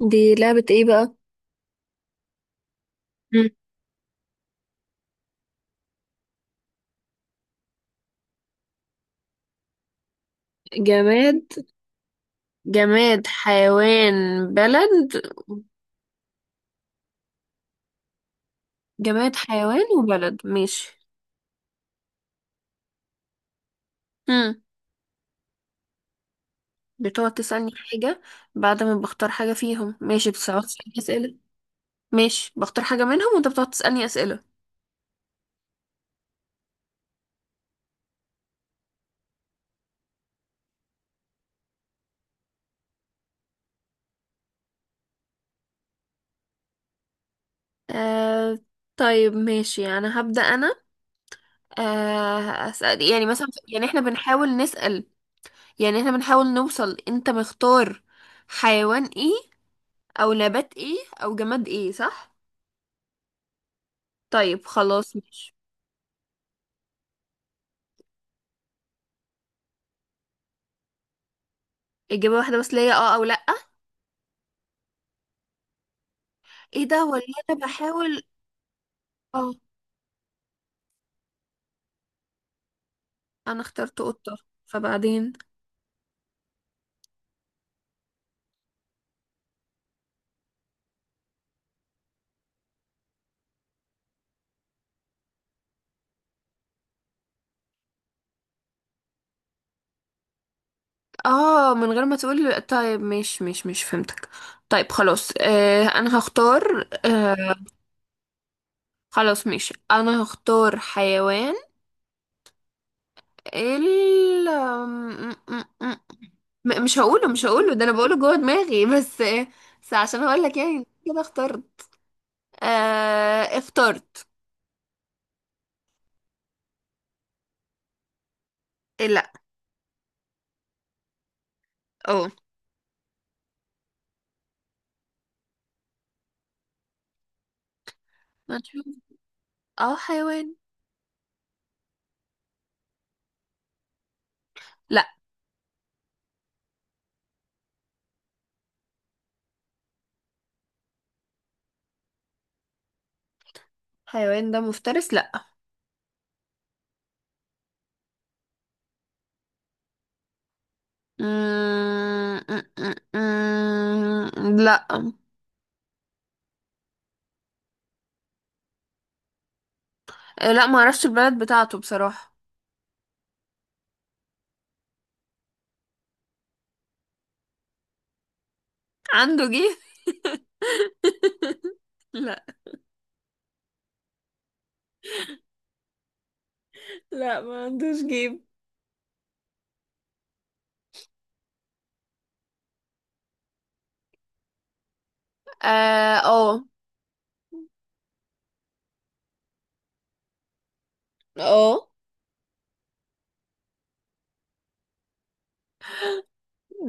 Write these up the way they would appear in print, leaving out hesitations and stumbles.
دي لعبة ايه بقى؟ مم. جماد جماد حيوان بلد. جماد حيوان وبلد، ماشي. مم. بتقعد تسألني حاجة. بعد ما بختار حاجة فيهم ماشي، بتقعد تسألني أسئلة. ماشي، بختار حاجة منهم وانت بتقعد تسألني أسئلة. آه... طيب ماشي، يعني هبدأ أنا. أسأل، يعني مثلا، يعني احنا بنحاول نسأل. يعني احنا بنحاول نوصل انت مختار حيوان ايه، أو نبات ايه، أو جماد ايه، صح؟ طيب خلاص، ماشي. إجابة واحدة بس ليا، اه أو لأ؟ ايه ده ولا؟ أنا بحاول. اه. أنا اخترت قطة. فبعدين. اه، من غير ما تقول. طيب، مش فهمتك. طيب خلاص، أنا هختار. خلاص ماشي، أنا هختار حيوان ال م- م- م- مش هقوله، ده أنا بقوله جوه دماغي بس عشان أقول لك يعني كده اخترت. اخترت. إيه، لأ. اه، ما تشوف. اه، حيوان. لأ. حيوان ده مفترس، لأ. آه، آه، آه، آه، آه، آه، لا، آه. لا، ما اعرفش البلد بتاعته بصراحة. عنده جيب؟ لا. لا، ما عندوش جيب. اه. اه. آه.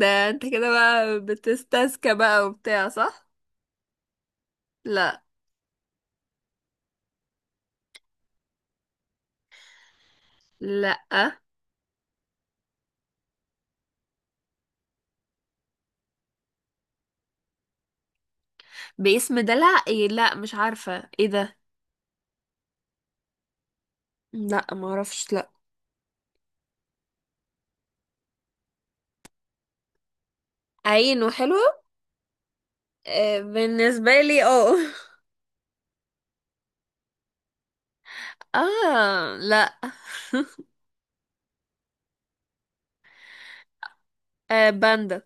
ده انت كده بقى بتستذكى بقى وبتاع، صح. لا. لا. باسم دلع ايه؟ لا، مش عارفة ايه ده. لا، ما اعرفش، لا. عين وحلوة؟ آه، بالنسبة لي، اه اه، لا. آه، باندا.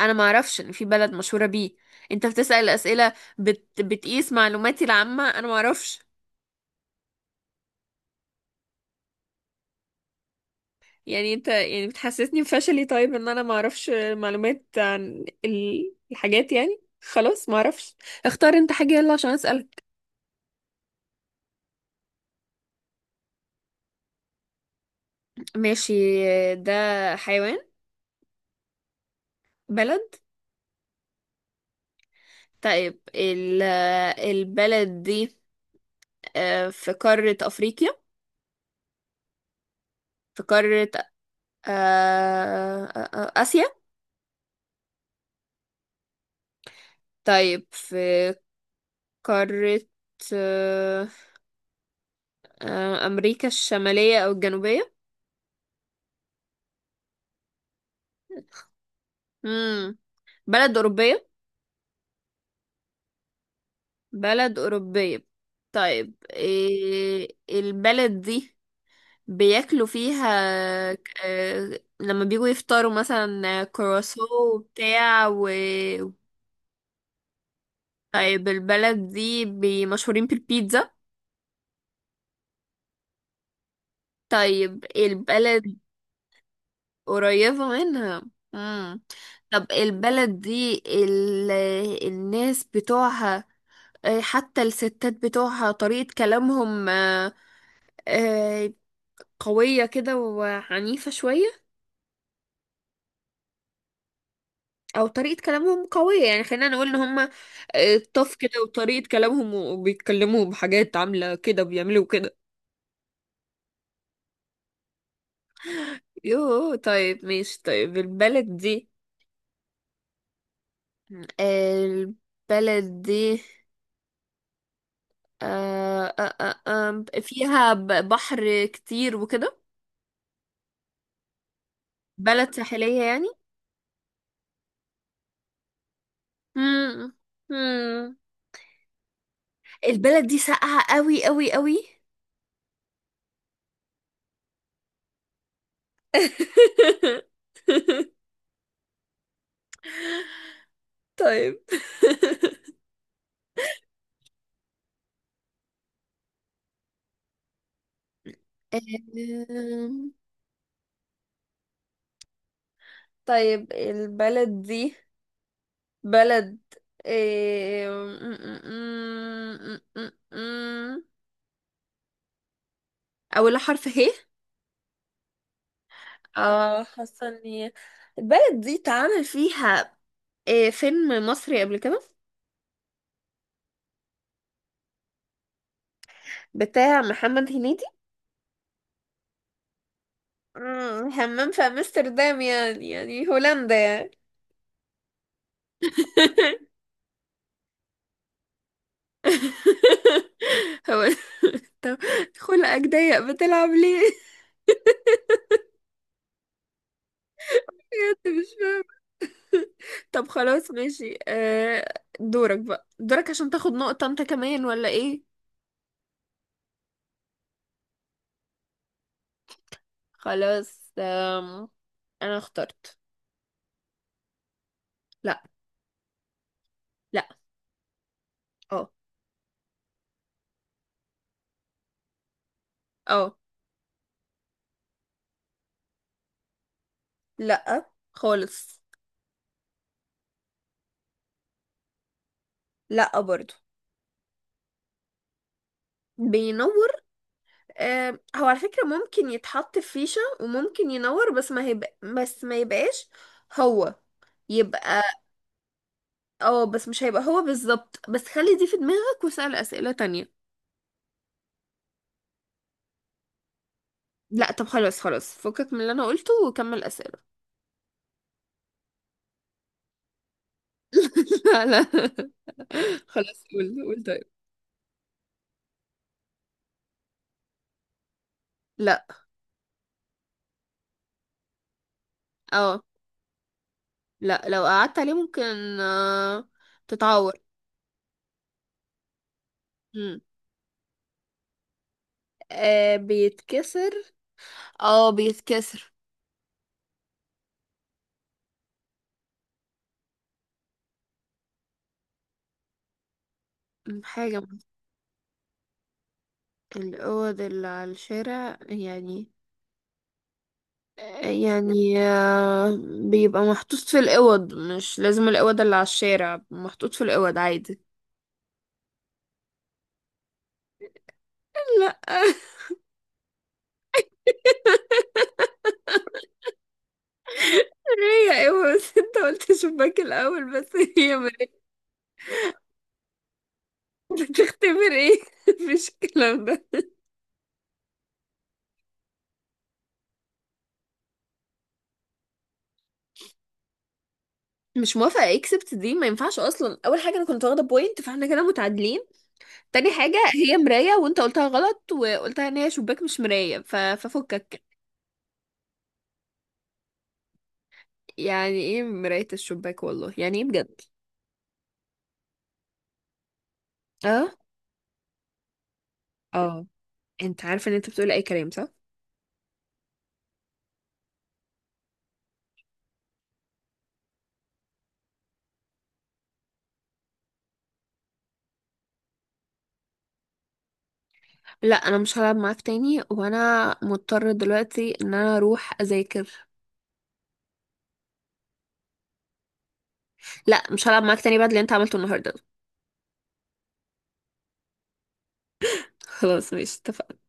انا ما اعرفش ان في بلد مشهوره بيه. انت بتسأل اسئله، بتقيس معلوماتي العامه، انا ما اعرفش. يعني انت يعني بتحسسني بفشلي، طيب، ان انا ما اعرفش معلومات عن الحاجات، يعني خلاص، ما اعرفش. اختار انت حاجه، يلا عشان اسالك. ماشي. ده حيوان؟ بلد؟ طيب البلد دي في قاره افريقيا؟ في قاره اسيا؟ طيب في قاره أمريكا الشمالية أو الجنوبية؟ مم. بلد أوروبية؟ بلد أوروبية. طيب إيه البلد دي؟ بياكلوا فيها لما بيجوا يفطروا مثلا كرواسو وبتاع طيب البلد دي مشهورين بالبيتزا؟ طيب البلد قريبة منها. مم. طب البلد دي الناس بتوعها، آه، حتى الستات بتوعها طريقة كلامهم آه، قوية كده وعنيفة شوية. أو طريقة كلامهم قوية، يعني خلينا نقول إن هما طف كده، وطريقة كلامهم، وبيتكلموا بحاجات عاملة كده بيعملوا كده. يوه، طيب ماشي. طيب البلد دي، البلد دي فيها بحر كتير وكده. بلد ساحلية يعني. مم. مم. البلد دي ساقعة قوي قوي قوي. طيب. أم، طيب البلد دي، بلد إيه، م- م- م- م- أولها حرف ه. اه، حاسة ان البلد دي اتعمل فيها إيه، فيلم مصري قبل كده بتاع محمد هنيدي. مم، همام في امستردام، يعني هولندا يعني. هو طب، خلقك ضيق بتلعب ليه؟ بجد مش فاهمة. طب خلاص ماشي، دورك بقى، دورك عشان تاخد نقطة انت كمان، ولا ايه؟ خلاص، انا اخترت. لا. لا. اه. اه. لا خالص. لا برضو. بينور. آه، هو على فكرة ممكن يتحط في فيشة وممكن ينور، بس ما يبقاش هو. يبقى. اه، بس مش هيبقى هو بالظبط، بس خلي دي في دماغك واسأل أسئلة تانية. لا، طب خلاص، خلاص فكك من اللي انا قلته وكمل أسئلة. لا، لا. خلاص، قول قول، طيب. لا. اه. لا، لو قعدت عليه ممكن آه، تتعور. مم. آه، بيتكسر. اه، بيتكسر. حاجة من الأوض اللي على الشارع، يعني يعني بيبقى محطوط في الأوض، مش لازم الأوض اللي على الشارع، محطوط في الأوض عادي. لا هي ايوه، بس انت قلت شباك الأول، بس هي مراية. بتختبر ايه؟ مفيش الكلام ده. مش موافقة، اكسبت دي ما ينفعش اصلا. اول حاجة، انا كنت واخدة بوينت، فاحنا كده متعادلين. تاني حاجة، هي مراية، وانت قلتها غلط وقلتها ان هي شباك مش مراية ففكك. يعني ايه مراية الشباك؟ والله يعني ايه بجد؟ اه. اه. انت عارفة ان انت بتقول اي كلام، صح. لا، انا مش هلعب معاك تاني، وانا مضطر دلوقتي ان انا اروح اذاكر. لا، مش هلعب معاك تاني بعد اللي انت عملته النهاردة. خلاص ماشي، اتفقنا.